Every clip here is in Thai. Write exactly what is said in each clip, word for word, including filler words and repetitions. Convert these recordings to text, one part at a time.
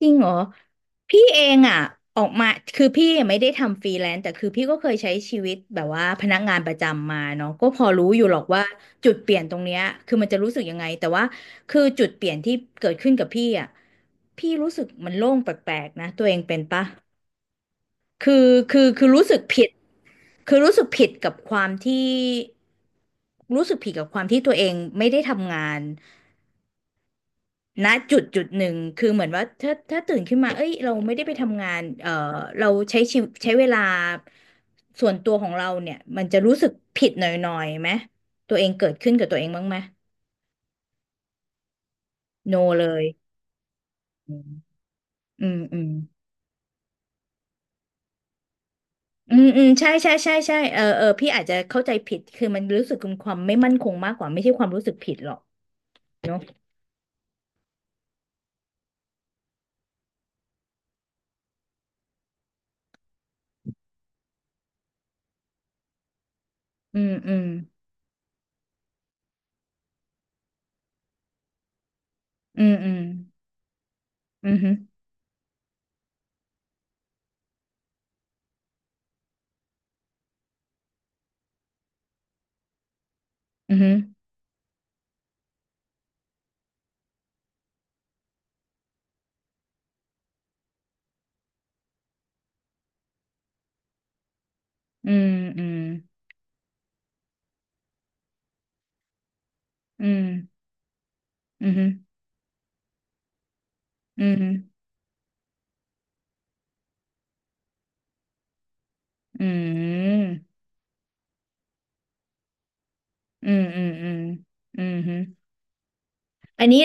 จริงเหรอพี่เองอ่ะออกมาคือพี่ไม่ได้ทำฟรีแลนซ์แต่คือพี่ก็เคยใช้ชีวิตแบบว่าพนักงานประจำมาเนาะก็พอรู้อยู่หรอกว่าจุดเปลี่ยนตรงเนี้ยคือมันจะรู้สึกยังไงแต่ว่าคือจุดเปลี่ยนที่เกิดขึ้นกับพี่อ่ะพี่รู้สึกมันโล่งแปลกๆนะตัวเองเป็นปะคือคือคือรู้สึกผิดคือรู้สึกผิดกับความที่รู้สึกผิดกับความที่ตัวเองไม่ได้ทำงาน ณจุดจุดหนึ่งคือเหมือนว่าถ้าถ้าตื่นขึ้นมาเอ้ยเราไม่ได้ไปทำงานเอ่อเราใช้ชีวิใช้เวลาส่วนตัวของเราเนี่ยมันจะรู้สึกผิดหน่อยๆไหมตัวเองเกิดขึ้นกับตัวเองบ้างไหมโนเลยอืมอืมอืมอืมอืมใช่ใช่ใช่ใช่เออเออพี่อาจจะเข้าใจผิดคือมันรู้สึกความไม่มั่นคงมากกว่าไม่ใช่ความรู้สึกผิดหรอกเนาะอืมอืมอืมอืมอืมอืมอืมอืมอืมอืมอืมอืมอืม อืมอืมอืมอืมฮึอันนี้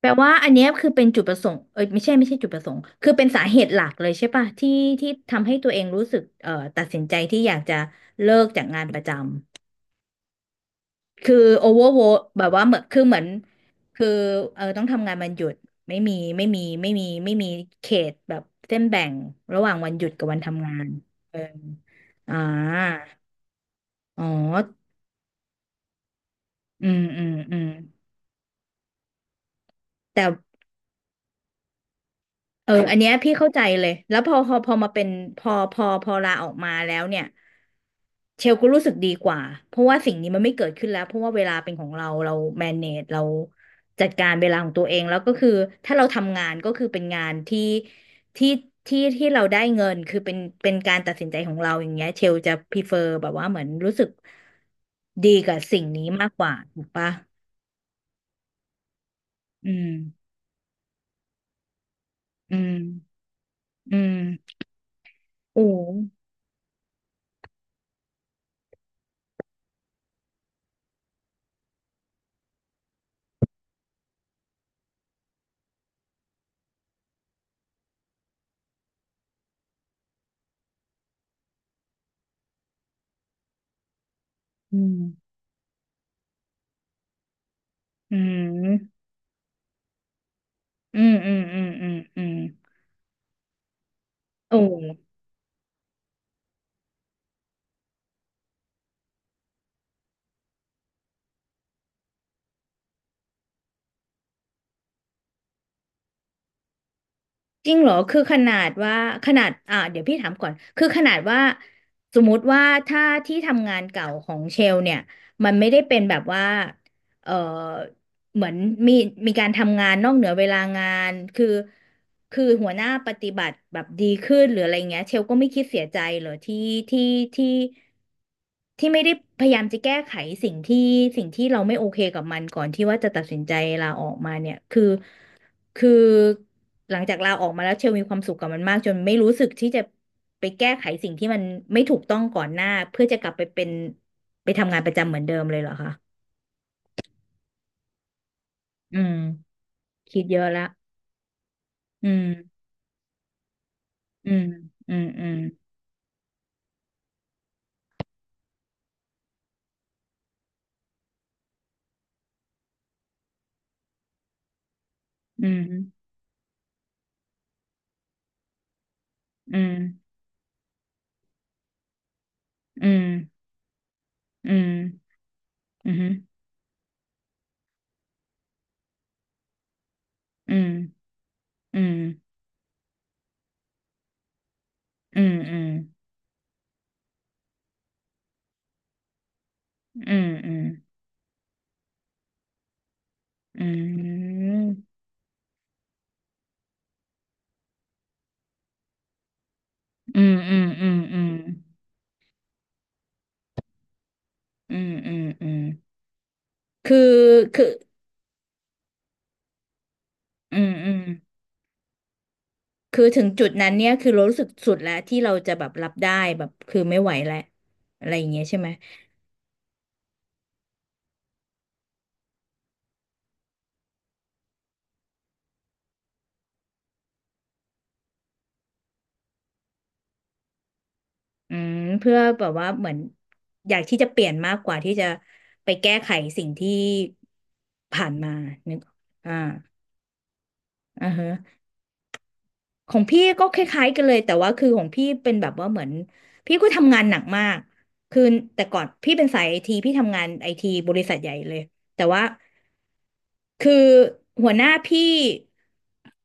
แปลว่าอันเนี้ยคือเป็นจุดประสงค์เอ้ยไม่ใช่ไม่ใช่จุดประสงค์คือเป็นสาเหตุหลักเลยใช่ป่ะที่ที่ทำให้ตัวเองรู้สึกเอ่อตัดสินใจที่อยากจะเลิกจากงานประจำคือโอเวอร์โวแบบว่าเหมือนคือเหมือนคือเออต้องทำงานวันหยุดไม่มีไม่มีไม่มีไม่มีเขตแบบเส้นแบ่งระหว่างวันหยุดกับวันทำงานเอออ่าอ๋ออืมอืมอืมแต่ เออ อันเนี้ยพี่เข้าใจเลย แล้วพอพอพอมาเป็นพอพอพอลาออกมาแล้วเนี่ยเชลก็รู้สึกดีกว่าเพราะว่าสิ่งนี้มันไม่เกิดขึ้นแล้วเพราะว่าเวลาเป็นของเราเราแม a g e เราจัดการเวลาของตัวเองแล้วก็คือถ้าเราทำงานก็คือเป็นงานที่ที่ที่ที่เราได้เงินคือเป็นเป็นการตัดสินใจของเราอย่างเงี้ยเชลจะ prefer แบบว่าเหมือนรู้สึกดีกับสิ่งนี้มากกว่าถูกปะอืมอืมอืมโอ้อืมอืม อืมอืมอืมอืมอืมโอ้ จริงเหรอคือขนาดว่าขนาดอ่าเดี๋ยวพี่ถามก่อนคือขนาดว่าสมมุติว่าถ้าที่ทำงานเก่าของเชลเนี่ยมันไม่ได้เป็นแบบว่าเออเหมือนมีมีการทำงานนอกเหนือเวลางานคือคือหัวหน้าปฏิบัติแบบดีขึ้นหรืออะไรเงี้ยเชลก็ไม่คิดเสียใจเหรอที่ที่ที่ที่ไม่ได้พยายามจะแก้ไขสิ่งที่สิ่งที่เราไม่โอเคกับมันก่อนที่ว่าจะตัดสินใจลาออกมาเนี่ยคือ คือหลังจากลาออกมาแล้วเชลมีความสุขกับมันมากจนไม่รู้สึกที่จะไปแก้ไขสิ่งที่มันไม่ถูกต้องก่อนหน้าเพื่อจะกลับไปเป็นไปทำงานประจำเหมือนเดิมเลยเหรอคะอืมคิดเยอะละอืมอืมอืมอืมอืมอืมอืมอืมอืมอืมอืมอืมอืมอืมอืมอืมอืมอืมอืมอืมอืมอืมอืมคือคืออืมอืม คือถึงจุดนั้นเนี่ยคือเรารู้สึกสุดแล้วที่เราจะแบบรับได้แบบคือไม่ไหวแล้วอะไรอย่างเงี้ยใช่ไหมอืมเพื่อแบบว่าเหมือนอยากที่จะเปลี่ยนมากกว่าที่จะไปแก้ไขสิ่งที่ผ่านมานึกออกอ่าอ่าฮะ ของพี่ก็คล้ายๆกันเลยแต่ว่าคือของพี่เป็นแบบว่าเหมือนพี่ก็ทำงานหนักมากคือแต่ก่อนพี่เป็นสายไอทีพี่ทำงานไอทีบริษัทใหญ่เลยแต่ว่าคือหัวหน้าพี่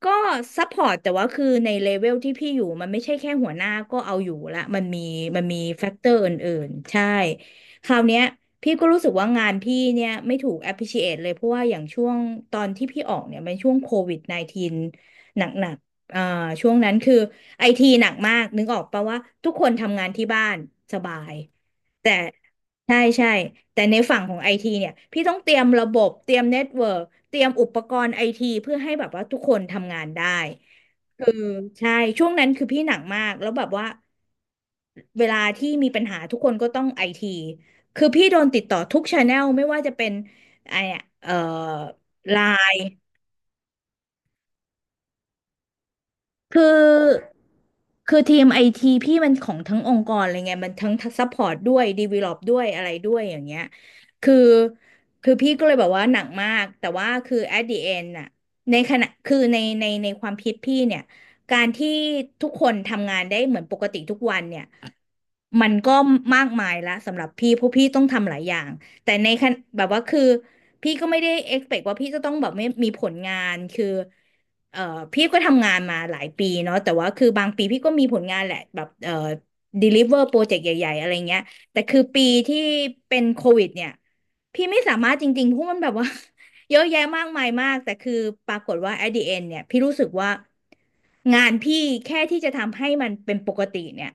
ก็ซัพพอร์ตแต่ว่าคือในเลเวลที่พี่อยู่มันไม่ใช่แค่หัวหน้าก็เอาอยู่ละมันมีมันมีแฟกเตอร์อื่นๆใช่คราวเนี้ยพี่ก็รู้สึกว่างานพี่เนี่ยไม่ถูก appreciate เลยเพราะว่าอย่างช่วงตอนที่พี่ออกเนี่ยเป็นช่วงโควิดสิบเก้าหนักๆ เอ่อช่วงนั้นคือไอทีหนักมากนึกออกปะว่าทุกคนทำงานที่บ้านสบายแต่ใช่ใช่แต่ในฝั่งของไอทีเนี่ยพี่ต้องเตรียมระบบเตรียมเน็ตเวิร์กเตรียมอุปกรณ์ไอทีเพื่อให้แบบว่าทุกคนทำงานได้ใช่ช่วงนั้นคือพี่หนักมากแล้วแบบว่าเวลาที่มีปัญหาทุกคนก็ต้องไอทีคือพี่โดนติดต่อทุกชาแนลไม่ว่าจะเป็นไอเอ่อไลน์ คือคือทีมไอทีพี่มันของทั้งองค์กรอะไรไงมันทั้งซัพพอร์ตด้วยดีเวล็อปด้วยอะไรด้วยอย่างเงี้ยคือคือพี่ก็เลยแบบว่าหนักมากแต่ว่าคือ at the end น่ะในขณะคือในในในความคิดพี่เนี่ยการที่ทุกคนทำงานได้เหมือนปกติทุกวันเนี่ยมันก็มากมายละสำหรับพี่เพราะพี่ต้องทำหลายอย่างแต่ในขณะแบบว่าคือพี่ก็ไม่ได้ expect ว่าพี่จะต้องแบบไม่มีผลงานคือ เอ่อพี่ก็ทำงานมาหลายปีเนาะแต่ว่าคือบางปีพี่ก็มีผลงานแหละแบบเอ่อ deliver โปรเจกต์ใหญ่ๆอะไรเงี้ยแต่คือปีที่เป็นโควิดเนี่ยพี่ไม่สามารถจริงๆเพราะมันแบบว่า เยอะแยะมากมายมากแต่คือปรากฏว่า at the end เนี่ยพี่รู้สึกว่างานพี่แค่ที่จะทำให้มันเป็นปกติเนี่ย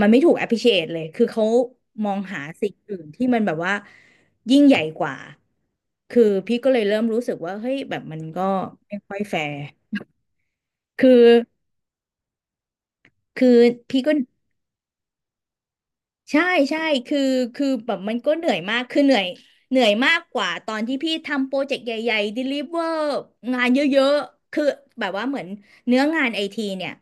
มันไม่ถูก appreciate เลยคือเขามองหาสิ่งอื่นที่มันแบบว่ายิ่งใหญ่กว่าคือพี่ก็เลยเริ่มรู้สึกว่าเฮ้ยแบบมันก็ไม่ค่อยแฟร์ คือคือพี่ก็ ใช่ใช่คือคือแบบมันก็เหนื่อยมากคือเหนื่อยเหนื่อยมากกว่าตอนที่พี่ทำโปรเจกต์ใหญ่ๆ deliver งานเยอะๆคือแบบว่าเหมือนเนื้องานไอทีเนี่ย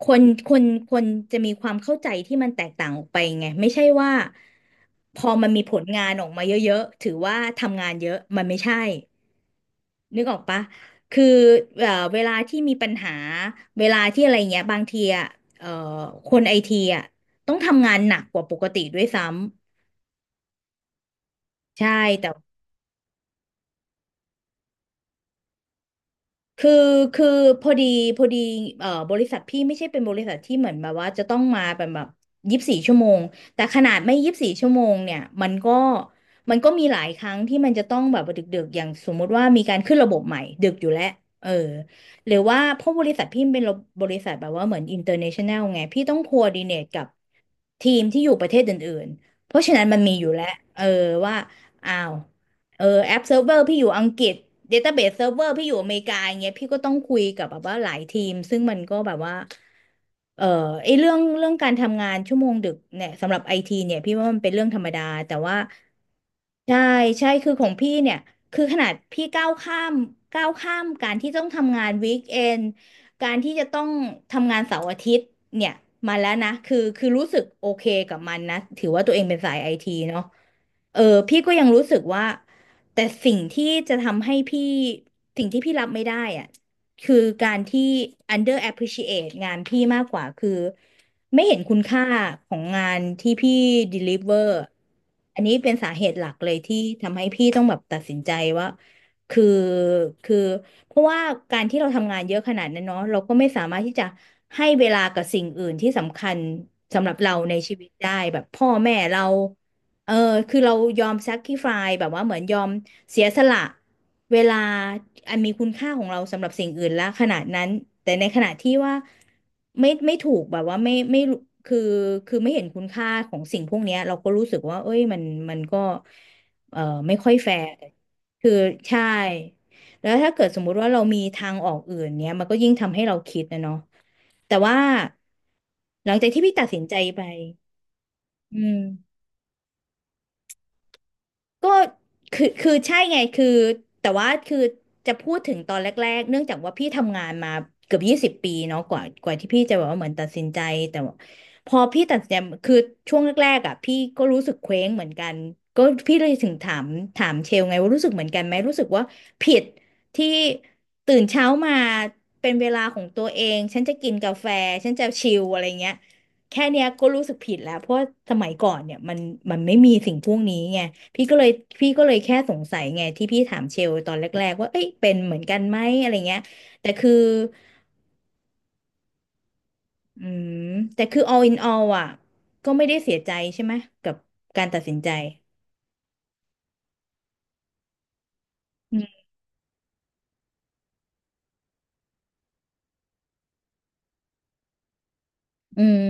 คนคนคนจะมีความเข้าใจที่มันแตกต่างออกไปไงไม่ใช่ว่าพอมันมีผลงานออกมาเยอะๆถือว่าทำงานเยอะมันไม่ใช่นึกออกปะคือเอ่อเวลาที่มีปัญหาเวลาที่อะไรเงี้ยบางทีอ่ะเอ่อคนไอทีอ่ะ ต้องทำงานหนักกว่าปกติด้วยซ้ำใช่แต่คือคือพอดีพอดีเอ่อบริษัทพี่ไม่ใช่เป็นบริษัทที่เหมือนแบบว่าจะต้องมาเป็นแบบยี่สิบสี่ชั่วโมงแต่ขนาดไม่ยี่สิบสี่ชั่วโมงเนี่ยมันก็มันก็มีหลายครั้งที่มันจะต้องแบบว่าดึกๆอย่างสมมุติว่ามีการขึ้นระบบใหม่ดึกอยู่แล้วเออหรือว่าเพราะบริษัทพี่เป็นบริษัทแบบว่าเหมือน international ไงพี่ต้อง coordinate กับทีมที่อยู่ประเทศอื่นๆเพราะฉะนั้นมันมีอยู่แล้วเออว่าอ้าว เออแอปเซิร์ฟเวอร์พี่อยู่อังกฤษเดต้าเบสเซิร์ฟเวอร์พี่อยู่อเมริกาอย่างเงี้ยพี่ก็ต้องคุยกับแบบว่าหลายทีมซึ่งมันก็แบบว่าเออไอเรื่องเรื่องการทำงานชั่วโมงดึกเนี่ยสำหรับไอทีเนี่ยพี่ว่ามันเป็นเรื่องธรรมดาแต่ว่าใช่ใช่คือของพี่เนี่ยคือขนาดพี่ก้าวข้ามก้าวข้ามการที่ต้องทำงานวีคเอนการที่จะต้องทำงานเสาร์อาทิตย์เนี่ยมาแล้วนะคือคือรู้สึกโอเคกับมันนะถือว่าตัวเองเป็นสายไอทีเนาะเออพี่ก็ยังรู้สึกว่า แต่สิ่งที่จะทำให้พี่สิ่งที่พี่รับไม่ได้อะคือการที่ under appreciate งานพี่มากกว่าคือไม่เห็นคุณค่าของงานที่พี่ deliver อันนี้เป็นสาเหตุหลักเลยที่ทำให้พี่ต้องแบบตัดสินใจว่าคือคือเพราะว่าการที่เราทำงานเยอะขนาดนั้นเนาะเราก็ไม่สามารถที่จะให้เวลากับสิ่งอื่นที่สำคัญสำหรับเราในชีวิตได้แบบพ่อแม่เรา เออคือเรายอม sacrifice แบบว่าเหมือนยอมเสียสละเวลาอันมีคุณค่าของเราสำหรับสิ่งอื่นละขนาดนั้นแต่ในขณะที่ว่าไม่ไม่ถูกแบบว่าไม่ไม่รู้คือคือไม่เห็นคุณค่าของสิ่งพวกเนี้ยเราก็รู้สึกว่าเอ้ยมันมันก็เออไม่ค่อยแฟร์คือใช่แล้วถ้าเกิดสมมุติว่าเรามีทางออกอื่นเนี้ยมันก็ยิ่งทำให้เราคิดนะเนาะแต่ว่าหลังจากที่พี่ตัดสินใจไปอืม ก็คือคือใช่ไงคือแต่ว่าคือจะพูดถึงตอนแรกๆเนื่องจากว่าพี่ทำงานมาเกือบยี่สิบปีเนาะกว่ากว่าที่พี่จะแบบว่าเหมือนตัดสินใจแต่ว่าพอพี่ตัดสินใจคือช่วงแรกๆอ่ะพี่ก็รู้สึกเคว้งเหมือนกันก็พี่เลยถึงถามถามเชลไงว่ารู้สึกเหมือนกันไหมรู้สึกว่าผิดที่ตื่นเช้ามาเป็นเวลาของตัวเองฉันจะกินกาแฟฉันจะชิลอะไรเงี้ยแค่เนี้ยก็รู้สึกผิดแล้วเพราะว่าสมัยก่อนเนี่ยมันมันไม่มีสิ่งพวกนี้ไง พี่ก็เลยพี่ก็เลยแค่สงสัยไงที่พี่ถามเชลตอนแรกๆว่าเอ้ยเป็นเหมือนกันไหมอะไรเงี้ยแต่คืออืมแต่คือ all in all อ่ะก็ไม่ได้เสียใจใช่ไหมกับการตัดสินใจอืมอืม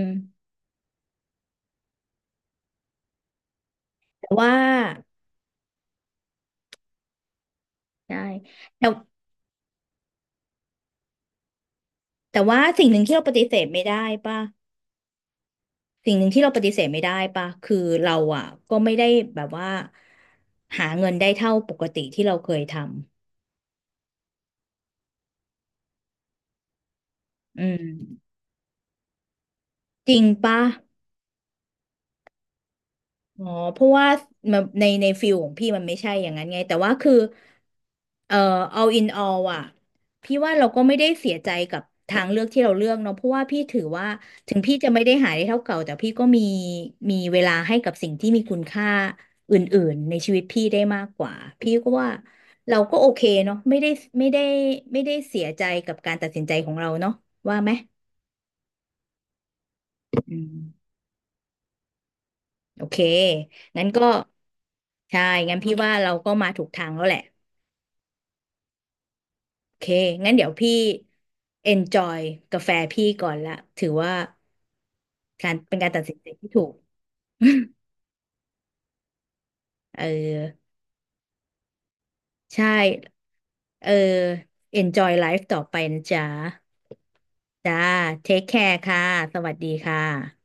แต่ว่าใช่แต่แต่ว่าสิ่งหนึ่งที่เราปฏิเสธไม่ได้ป่ะสิ่งหนึ่งที่เราปฏิเสธไม่ได้ป่ะคือเราอ่ะก็ไม่ได้แบบว่าหาเงินได้เท่าปกติที่เราเคยทำอืมจริงป่ะ อ๋อเพราะว่ามันในในฟิลของพี่มันไม่ใช่อย่างนั้นไงแต่ว่าคือเอ่อ all in all อ่ะพี่ว่าเราก็ไม่ได้เสียใจกับทางเลือกที่เราเลือกเนาะเพราะว่าพี่ถือว่าถึงพี่จะไม่ได้หาได้เท่าเก่าแต่พี่ก็มีมีเวลาให้กับสิ่งที่มีคุณค่าอื่นๆในชีวิตพี่ได้มากกว่าพี่ก็ว่าเราก็โอเคเนาะไม่ได้ไม่ได้ไม่ได้เสียใจกับการตัดสินใจของเราเนาะว่าไหมอืม โอเค งั้นก็ใช่ งั้นพี่ว่าเราก็มาถูกทางแล้วแหละ โอเค งั้นเดี๋ยวพี่ enjoy กาแฟพี่ก่อนละถือว่าการเป็นการตัดสินใจที่ถูก เออ ใช่ เออ enjoy life ต่อไปนะจ๊ะจ้า take care ค่ะ สวัสดีค่ะ